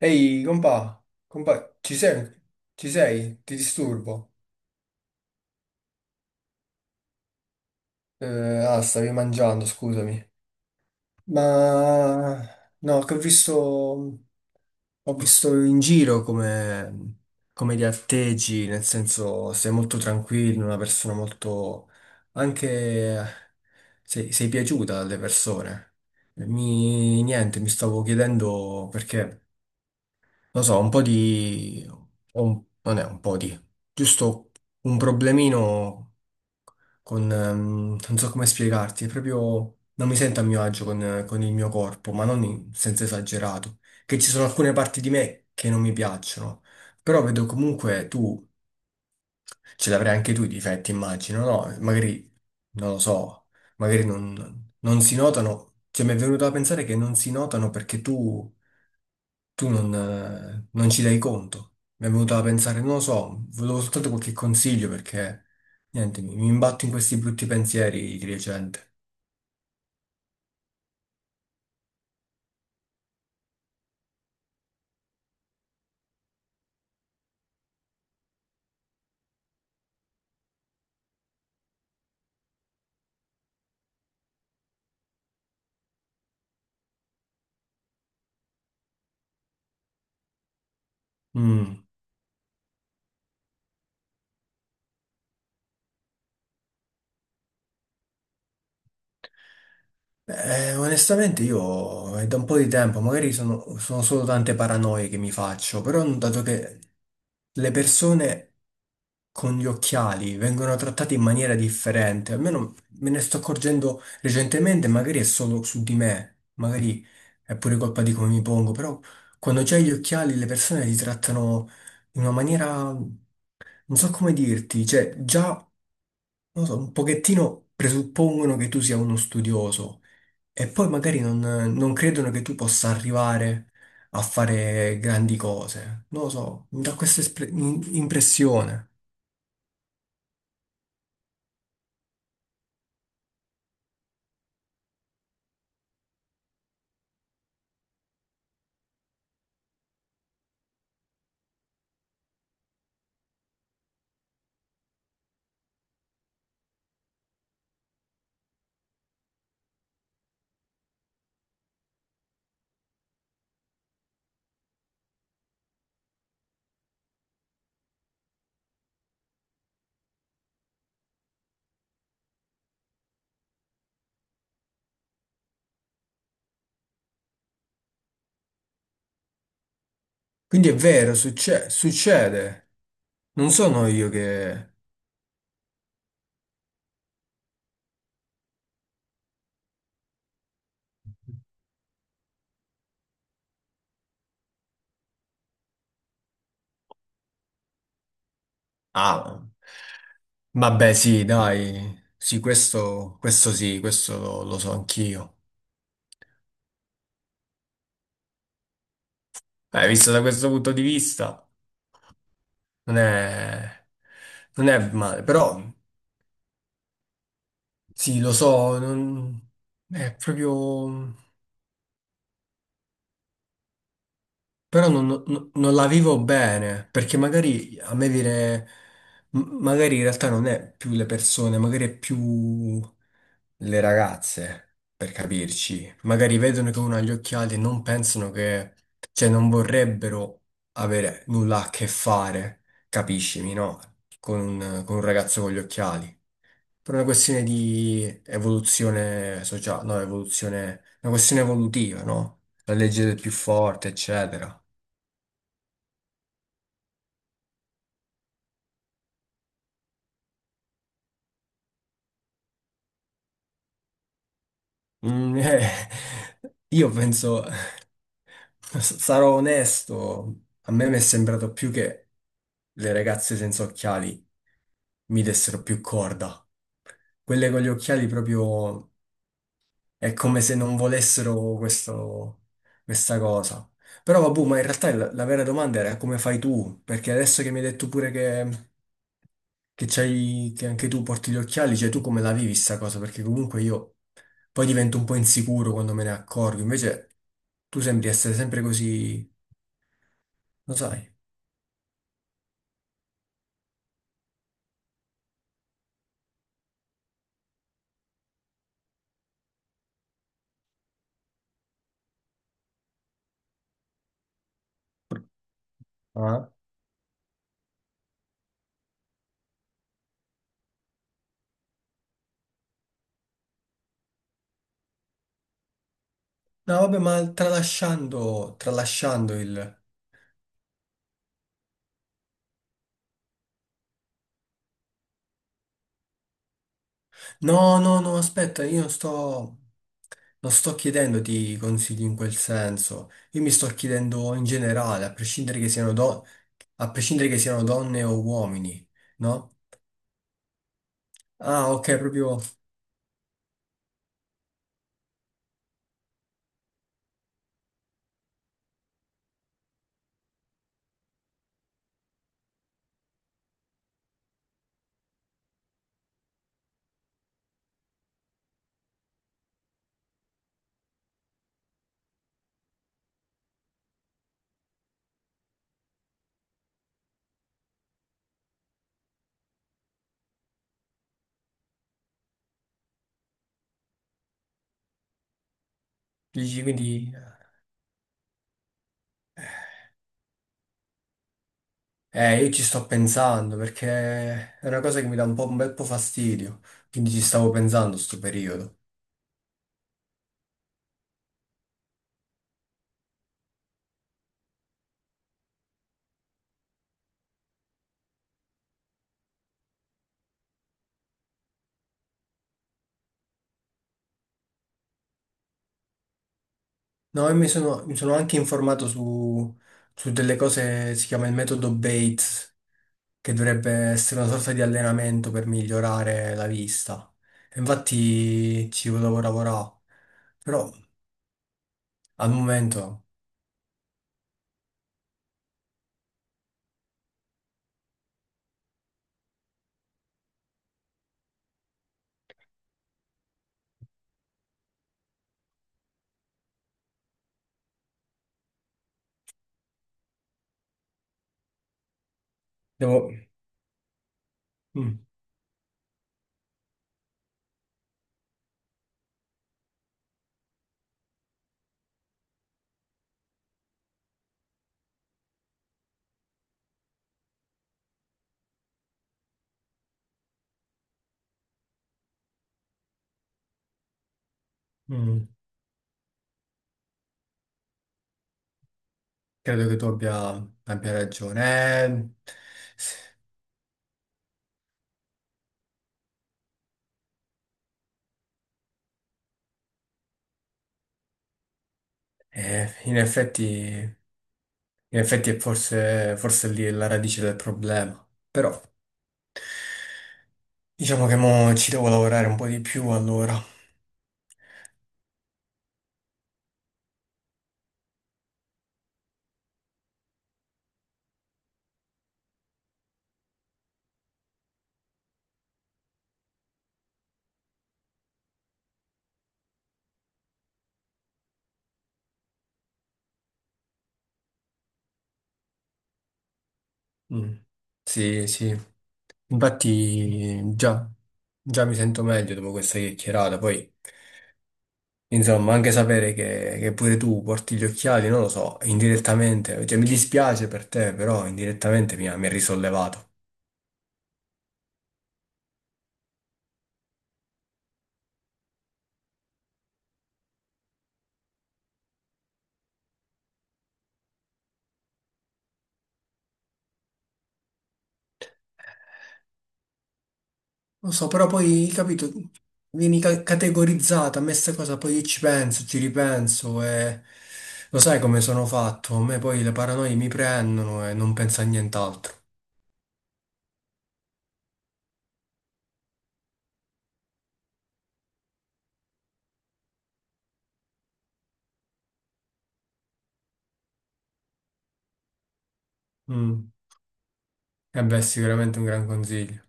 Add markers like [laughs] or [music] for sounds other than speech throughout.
Ehi, compà, compà, ci sei? Ci sei? Ti disturbo? Eh, stavi mangiando, scusami. Ma no, che ho visto in giro come, come ti atteggi, nel senso sei molto tranquillo, una persona molto... anche sei piaciuta alle persone. Niente, mi stavo chiedendo perché... Lo so, un po' di... non è un po' di... Giusto un problemino con... non so come spiegarti, è proprio... Non mi sento a mio agio con il mio corpo, ma non in senso esagerato. Che ci sono alcune parti di me che non mi piacciono. Però vedo comunque tu... Ce l'avrai anche tu i difetti, immagino, no? Magari, non lo so, magari non si notano. Cioè, mi è venuto a pensare che non si notano perché tu non, non ci dai conto. Mi è venuto da pensare, non lo so, volevo soltanto qualche consiglio perché, niente, mi imbatto in questi brutti pensieri di recente. Mm. Onestamente io è da un po' di tempo, magari sono, sono solo tante paranoie che mi faccio, però ho notato che le persone con gli occhiali vengono trattate in maniera differente, almeno me ne sto accorgendo recentemente, magari è solo su di me, magari è pure colpa di come mi pongo, però quando c'hai gli occhiali le persone ti trattano in una maniera, non so come dirti, cioè già non lo so, un pochettino presuppongono che tu sia uno studioso e poi magari non credono che tu possa arrivare a fare grandi cose. Non lo so, mi dà questa impressione. Quindi è vero, succede. Non sono io che... Ah, vabbè sì, dai. Sì, questo sì, questo lo, lo so anch'io. Visto da questo punto di vista, non è, non è male, però... Sì, lo so, non- è proprio... però non la vivo bene, perché magari a me viene... magari in realtà non è più le persone, magari è più le ragazze, per capirci. Magari vedono che uno ha gli occhiali e non pensano che... cioè non vorrebbero avere nulla a che fare, capiscimi, no? Con un ragazzo con gli occhiali. Per una questione di evoluzione sociale, no, evoluzione, una questione evolutiva, no? La legge del più forte, eccetera. Mm, [laughs] io penso, sarò onesto, a me mi è sembrato più che le ragazze senza occhiali mi dessero più corda. Quelle con gli occhiali proprio. È come se non volessero questa cosa. Però vabbè, ma in realtà la vera domanda era come fai tu? Perché adesso che mi hai detto pure che c'hai, che anche tu porti gli occhiali, cioè tu come la vivi sta cosa? Perché comunque io poi divento un po' insicuro quando me ne accorgo, invece tu sembri essere sempre così, lo sai. Ah. No, vabbè, ma tralasciando, tralasciando il... No, no, no, aspetta, io non sto, non sto chiedendoti consigli in quel senso. Io mi sto chiedendo in generale, a prescindere che siano, do- a prescindere che siano donne o uomini, no? Ah, ok, proprio dici, quindi io ci sto pensando perché è una cosa che mi dà un po', un bel po' fastidio. Quindi ci stavo pensando sto periodo. No, io mi sono anche informato su, su delle cose, si chiama il metodo Bates, che dovrebbe essere una sorta di allenamento per migliorare la vista. E infatti ci volevo lavorare, però al momento devo... mm, mm, credo che tu abbia, abbia ragione. In effetti è forse, forse lì è la radice del problema, però diciamo che mo ci devo lavorare un po' di più allora. Mm. Sì, sì, infatti già, già mi sento meglio dopo questa chiacchierata, poi insomma anche sapere che pure tu porti gli occhiali, non lo so, indirettamente, cioè mi dispiace per te, però indirettamente mi ha risollevato. Lo so, però poi, capito, vieni ca- categorizzata, a me sta cosa, poi io ci penso, ci ripenso e lo sai come sono fatto, a me poi le paranoie mi prendono e non penso a nient'altro. Mm. E beh, sicuramente un gran consiglio.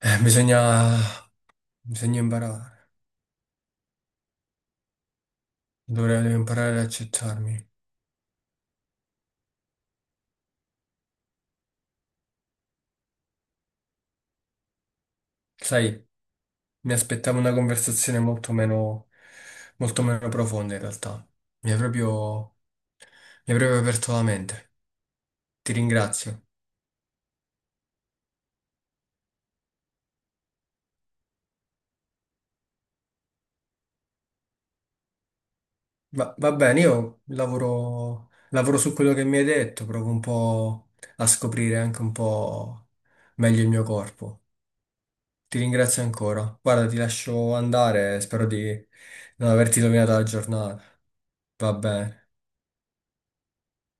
Eh, bisogna, bisogna imparare, dovrei devo imparare ad accettarmi. Sai, mi aspettavo una conversazione molto meno profonda in realtà. Mi hai proprio, mi hai proprio aperto la mente. Ti ringrazio. Ma va bene, io lavoro, lavoro su quello che mi hai detto, provo un po' a scoprire anche un po' meglio il mio corpo. Ti ringrazio ancora. Guarda, ti lascio andare, spero di non averti rovinato la giornata. Va bene.